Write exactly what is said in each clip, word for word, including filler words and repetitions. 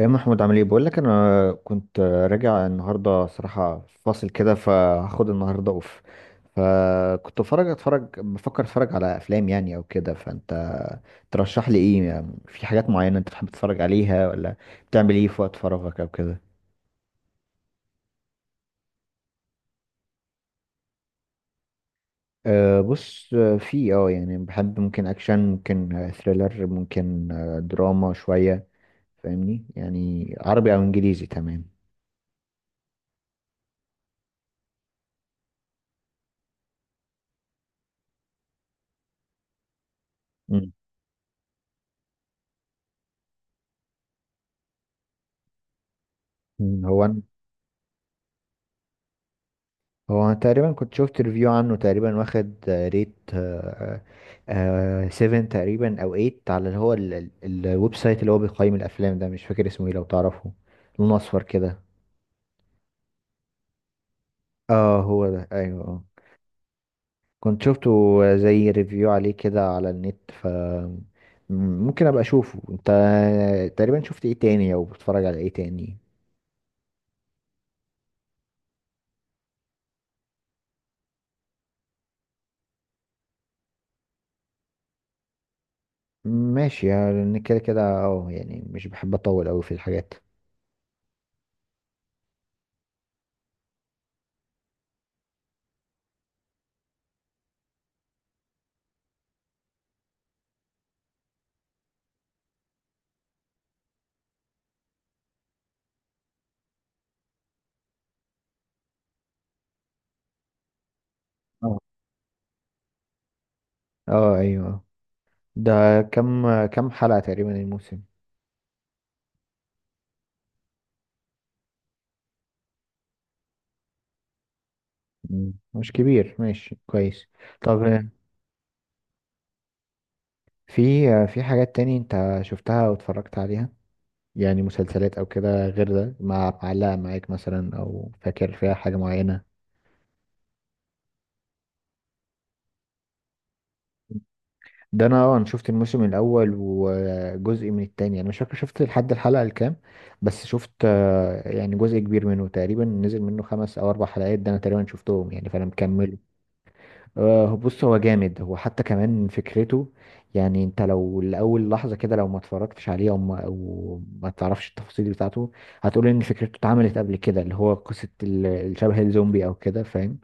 ايه محمود، عامل ايه؟ بقول لك، انا كنت راجع النهارده صراحه فاصل كده، فهاخد النهارده اوف. فكنت بفرج اتفرج بفكر اتفرج على افلام يعني او كده. فانت ترشح لي ايه يعني؟ في حاجات معينه انت بتحب تتفرج عليها؟ ولا بتعمل ايه في وقت فراغك او كده؟ أه، بص. آه، في اه يعني بحب، ممكن اكشن، ممكن آه، ثريلر، ممكن آه، دراما شويه، فاهمني؟ يعني عربي او انجليزي، تمام. مم. مم، هو أنا- هو أنا تقريبا كنت شفت ريفيو عنه، تقريبا واخد آه، ريت آه، آه، سبعة تقريبا او تمانية، على اللي هو ال- ال- الويب سايت اللي هو بيقيم الافلام ده. مش فاكر اسمه ايه، لو تعرفه. لونه اصفر كده. اه، هو ده، ايوه، اه. كنت شفته زي ريفيو عليه كده على النت، ف ممكن ابقى اشوفه. انت تقريبا شفت ايه تاني، او بتتفرج على ايه تاني؟ ماشي، يعني كده كده، اه يعني مش بحب اطول اوي في الحاجات. اه، اه، ايوه. ده كم كم حلقة تقريبا الموسم؟ مم. مش كبير، ماشي كويس. طب آه، في آه، في حاجات تاني انت شفتها او اتفرجت عليها، يعني مسلسلات او كده، غير ده، مع معلقة معاك مثلا، او فاكر فيها حاجة معينة؟ ده انا اه انا شفت الموسم الاول وجزء من التاني. انا مش فاكر شفت لحد الحلقة الكام. بس شفت آه، يعني جزء كبير منه، تقريبا نزل منه خمس او اربع حلقات، ده انا تقريبا شفتهم يعني، فانا مكمل. آه، بص هو جامد، هو حتى كمان فكرته. يعني انت لو لأول لحظة كده، لو ما اتفرجتش عليه او ما, أو ما تعرفش التفاصيل بتاعته، هتقول ان فكرته اتعملت قبل كده، اللي هو قصة ال- الشبه الزومبي او كده، فاهم؟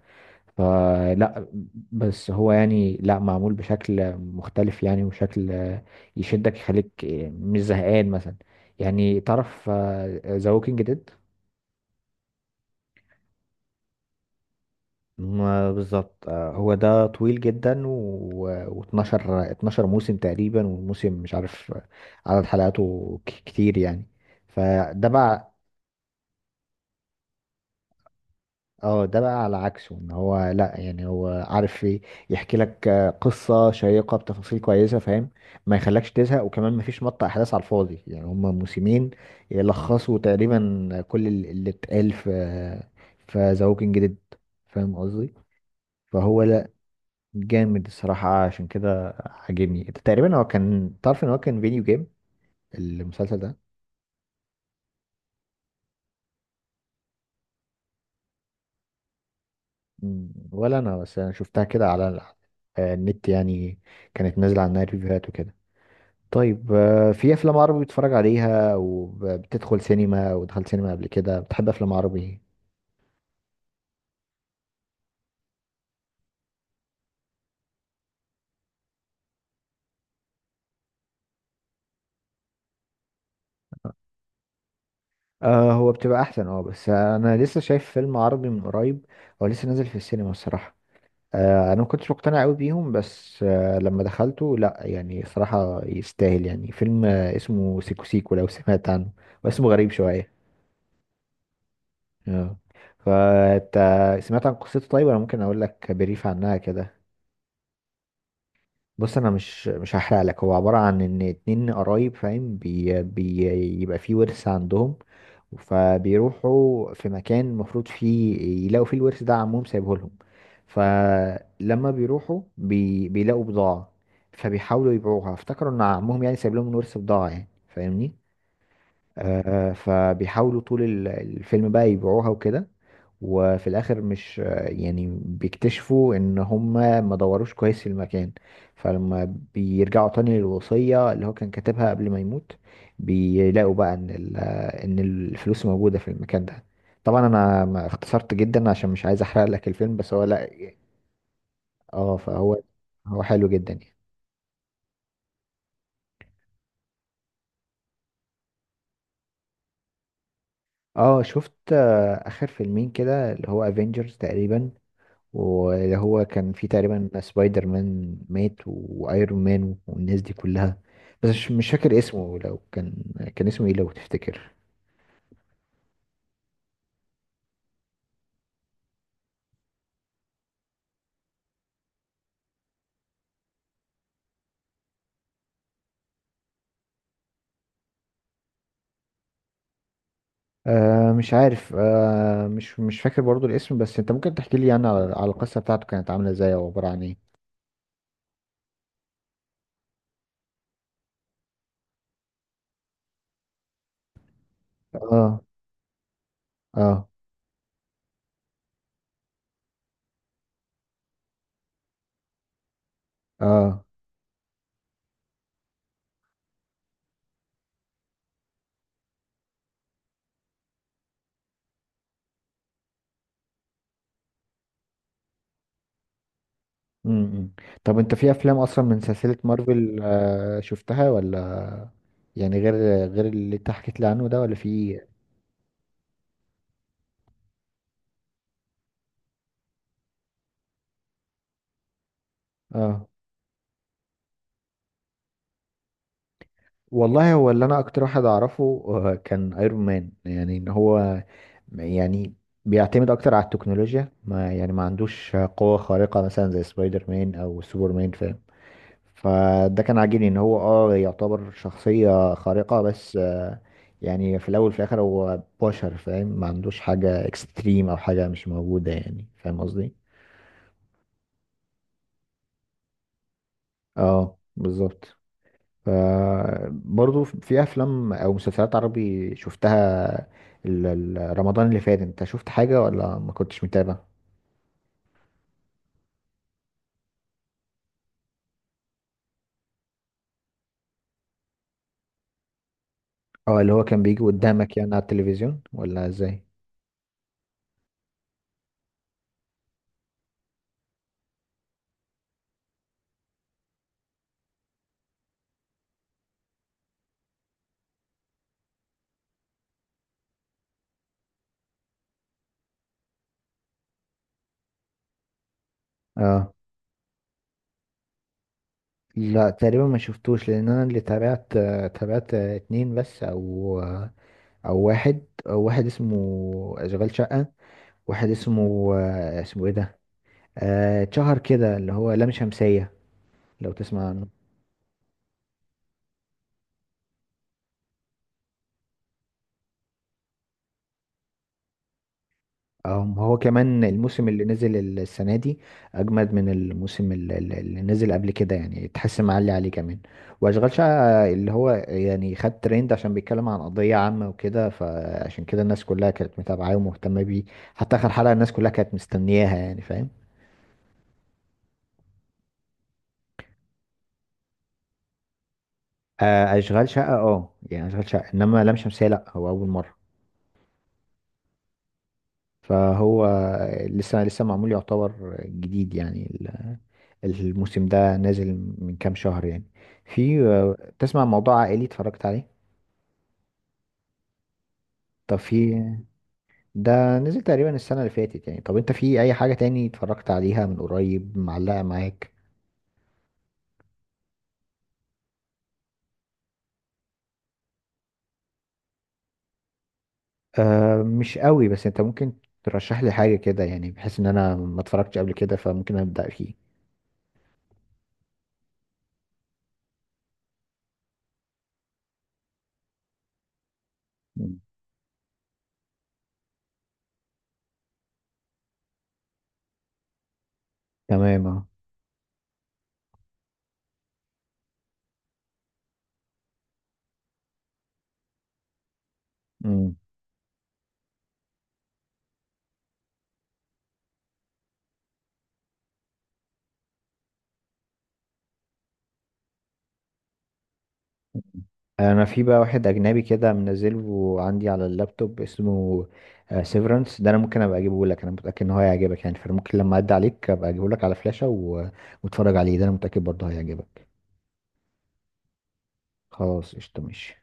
فلا، بس هو يعني لا، معمول بشكل مختلف يعني، وشكل آه، يشدك، يخليك آه، مش زهقان مثلا. يعني تعرف آه، ذا ووكينج ديد؟ ما بالظبط، آه، هو ده طويل جدا و... و12 اتناشر موسم تقريبا، والموسم مش عارف آه، عدد حلقاته ك... كتير يعني. فده بقى. اه، ده بقى على عكسه، ان هو لا. يعني هو عارف ي- يحكي لك آه، قصة شيقة بتفاصيل كويسة، فاهم؟ ما يخلكش تزهق، وكمان ما فيش مط احداث على الفاضي. يعني هما موسمين يلخصوا تقريبا كل ال- اللي اتقال في في ذا ووكينج ديد، فاهم قصدي؟ فهو جامد الصراحة، عشان كده عاجبني. تقريبا هو كان، تعرف ان هو كان فيديو جيم، المسلسل ده؟ مم، ولا انا. بس انا شفتها كده على ال- آه، النت يعني، كانت نازلة عنها ريفيوهات وكده. طيب آه، في افلام عربي بتتفرج عليها، وبتدخل سينما، ودخلت سينما قبل كده، بتحب افلام عربي؟ آه، هو بتبقى احسن اه، بس انا لسه شايف فيلم عربي من قريب، هو لسه نازل في السينما الصراحة. آه، انا ما كنتش مقتنع قوي بيهم، بس آه، لما دخلته لا، يعني صراحة يستاهل، يعني فيلم آه، اسمه سيكو سيكو، لو سمعت عنه، واسمه غريب شوية. اه، فانت سمعت عن قصته؟ طيب انا ممكن اقول لك بريف عنها كده. بص، انا مش مش هحرق لك. هو عباره عن ان اتنين قرايب، فاهم؟ بي بي يبقى في ورث عندهم. فبيروحوا في مكان المفروض فيه يلاقوا فيه الورث ده، عمهم سايبه لهم. فلما بيروحوا بي بيلاقوا بضاعه، فبيحاولوا يبيعوها، افتكروا ان عمهم يعني سايب لهم الورث بضاعه يعني، فاهمني؟ آه، فبيحاولوا طول ال- الفيلم بقى يبيعوها وكده. وفي الاخر مش آه، يعني بيكتشفوا ان هم ما دوروش كويس في المكان. فلما بيرجعوا تاني للوصية اللي هو كان كاتبها قبل ما يموت، بيلاقوا بقى ان ال- آه، ان الفلوس موجودة في المكان ده. طبعا انا ما اختصرت جدا عشان مش عايز احرق لك الفيلم، بس هو لا. اه، فهو هو حلو جدا يعني. اه، شفت آه، اخر فيلمين كده، اللي هو افنجرز تقريبا، واللي هو كان في تقريبا سبايدر مان مات وايرون مان والناس دي كلها. بس مش مش فاكر اسمه. لو كان كان اسمه ايه لو تفتكر؟ آه مش عارف، آه مش مش فاكر برضو الاسم. بس انت ممكن تحكي لي يعني على, على القصة بتاعته، كانت عاملة ازاي او عبارة عن ايه؟ اه، اه، اه. امم. طب انت في افلام اصلا من سلسلة مارفل آه شفتها ولا؟ يعني غير غير اللي انت حكيت لي عنه ده، ولا في إيه؟ اه، والله هو اللي انا اكتر واحد اعرفه آه، كان ايرون مان. يعني ان هو يعني بيعتمد اكتر على التكنولوجيا. ما يعني ما عندوش قوة خارقة مثلا زي سبايدر مان او سوبر مان، فاهم؟ فده كان عاجبني ان هو اه يعتبر شخصية خارقة، بس آه، يعني في الاول وفي الاخر هو بشر، فاهم؟ ما عندوش حاجة اكستريم او حاجة مش موجودة، يعني فاهم قصدي؟ اه بالظبط. برضه في افلام او مسلسلات عربي شفتها؟ ال- ال- رمضان اللي فات انت شفت حاجة ولا ما كنتش متابع؟ اه، اللي هو كان بيجي قدامك يعني على التلفزيون ولا ازاي؟ اه لا، تقريبا ما شفتوش، لان انا اللي تابعت تابعت اتنين بس، او او واحد أو واحد اسمه اشغال شقة، واحد اسمه اسمه ايه ده، آه، اتشهر كده، اللي هو لام شمسية، لو تسمع عنه. اه، ما هو كمان الموسم اللي نزل السنة دي أجمد من الموسم ال- ال- اللي نزل قبل كده، يعني تحس معلي عليه كمان. وأشغال شقة اللي هو يعني خد ترند، عشان بيتكلم عن قضية عامة وكده، فعشان كده الناس كلها كانت متابعاه ومهتمة بيه، حتى آخر حلقة الناس كلها كانت مستنياها يعني، فاهم؟ آه، أشغال شقة اه، يعني أشغال شقة، إنما لام شمسية لأ، هو أول مرة. فهو لسه لسه معمول، يعتبر جديد يعني، الموسم ده نازل من كام شهر يعني. في آه، تسمع موضوع عائلي اتفرجت عليه؟ طب في، ده نزل تقريبا السنة اللي فاتت يعني. طب انت في اي حاجة تاني اتفرجت عليها من قريب معلقة معاك؟ آه مش قوي، بس انت ممكن ترشح لي حاجة كده يعني، بحيث ان انا ما اتفرجتش قبل كده فممكن ابدأ فيه. مم. تمام، اه. مم. انا في بقى واحد اجنبي كده منزله عندي على اللابتوب اسمه سيفرنس، ده انا ممكن ابقى اجيبه لك. انا متاكد ان هو هيعجبك يعني، فممكن لما اعدي عليك ابقى اجيبه لك على فلاشه و... واتفرج عليه، ده انا متاكد برضه هيعجبك. خلاص، قشطه، ماشي.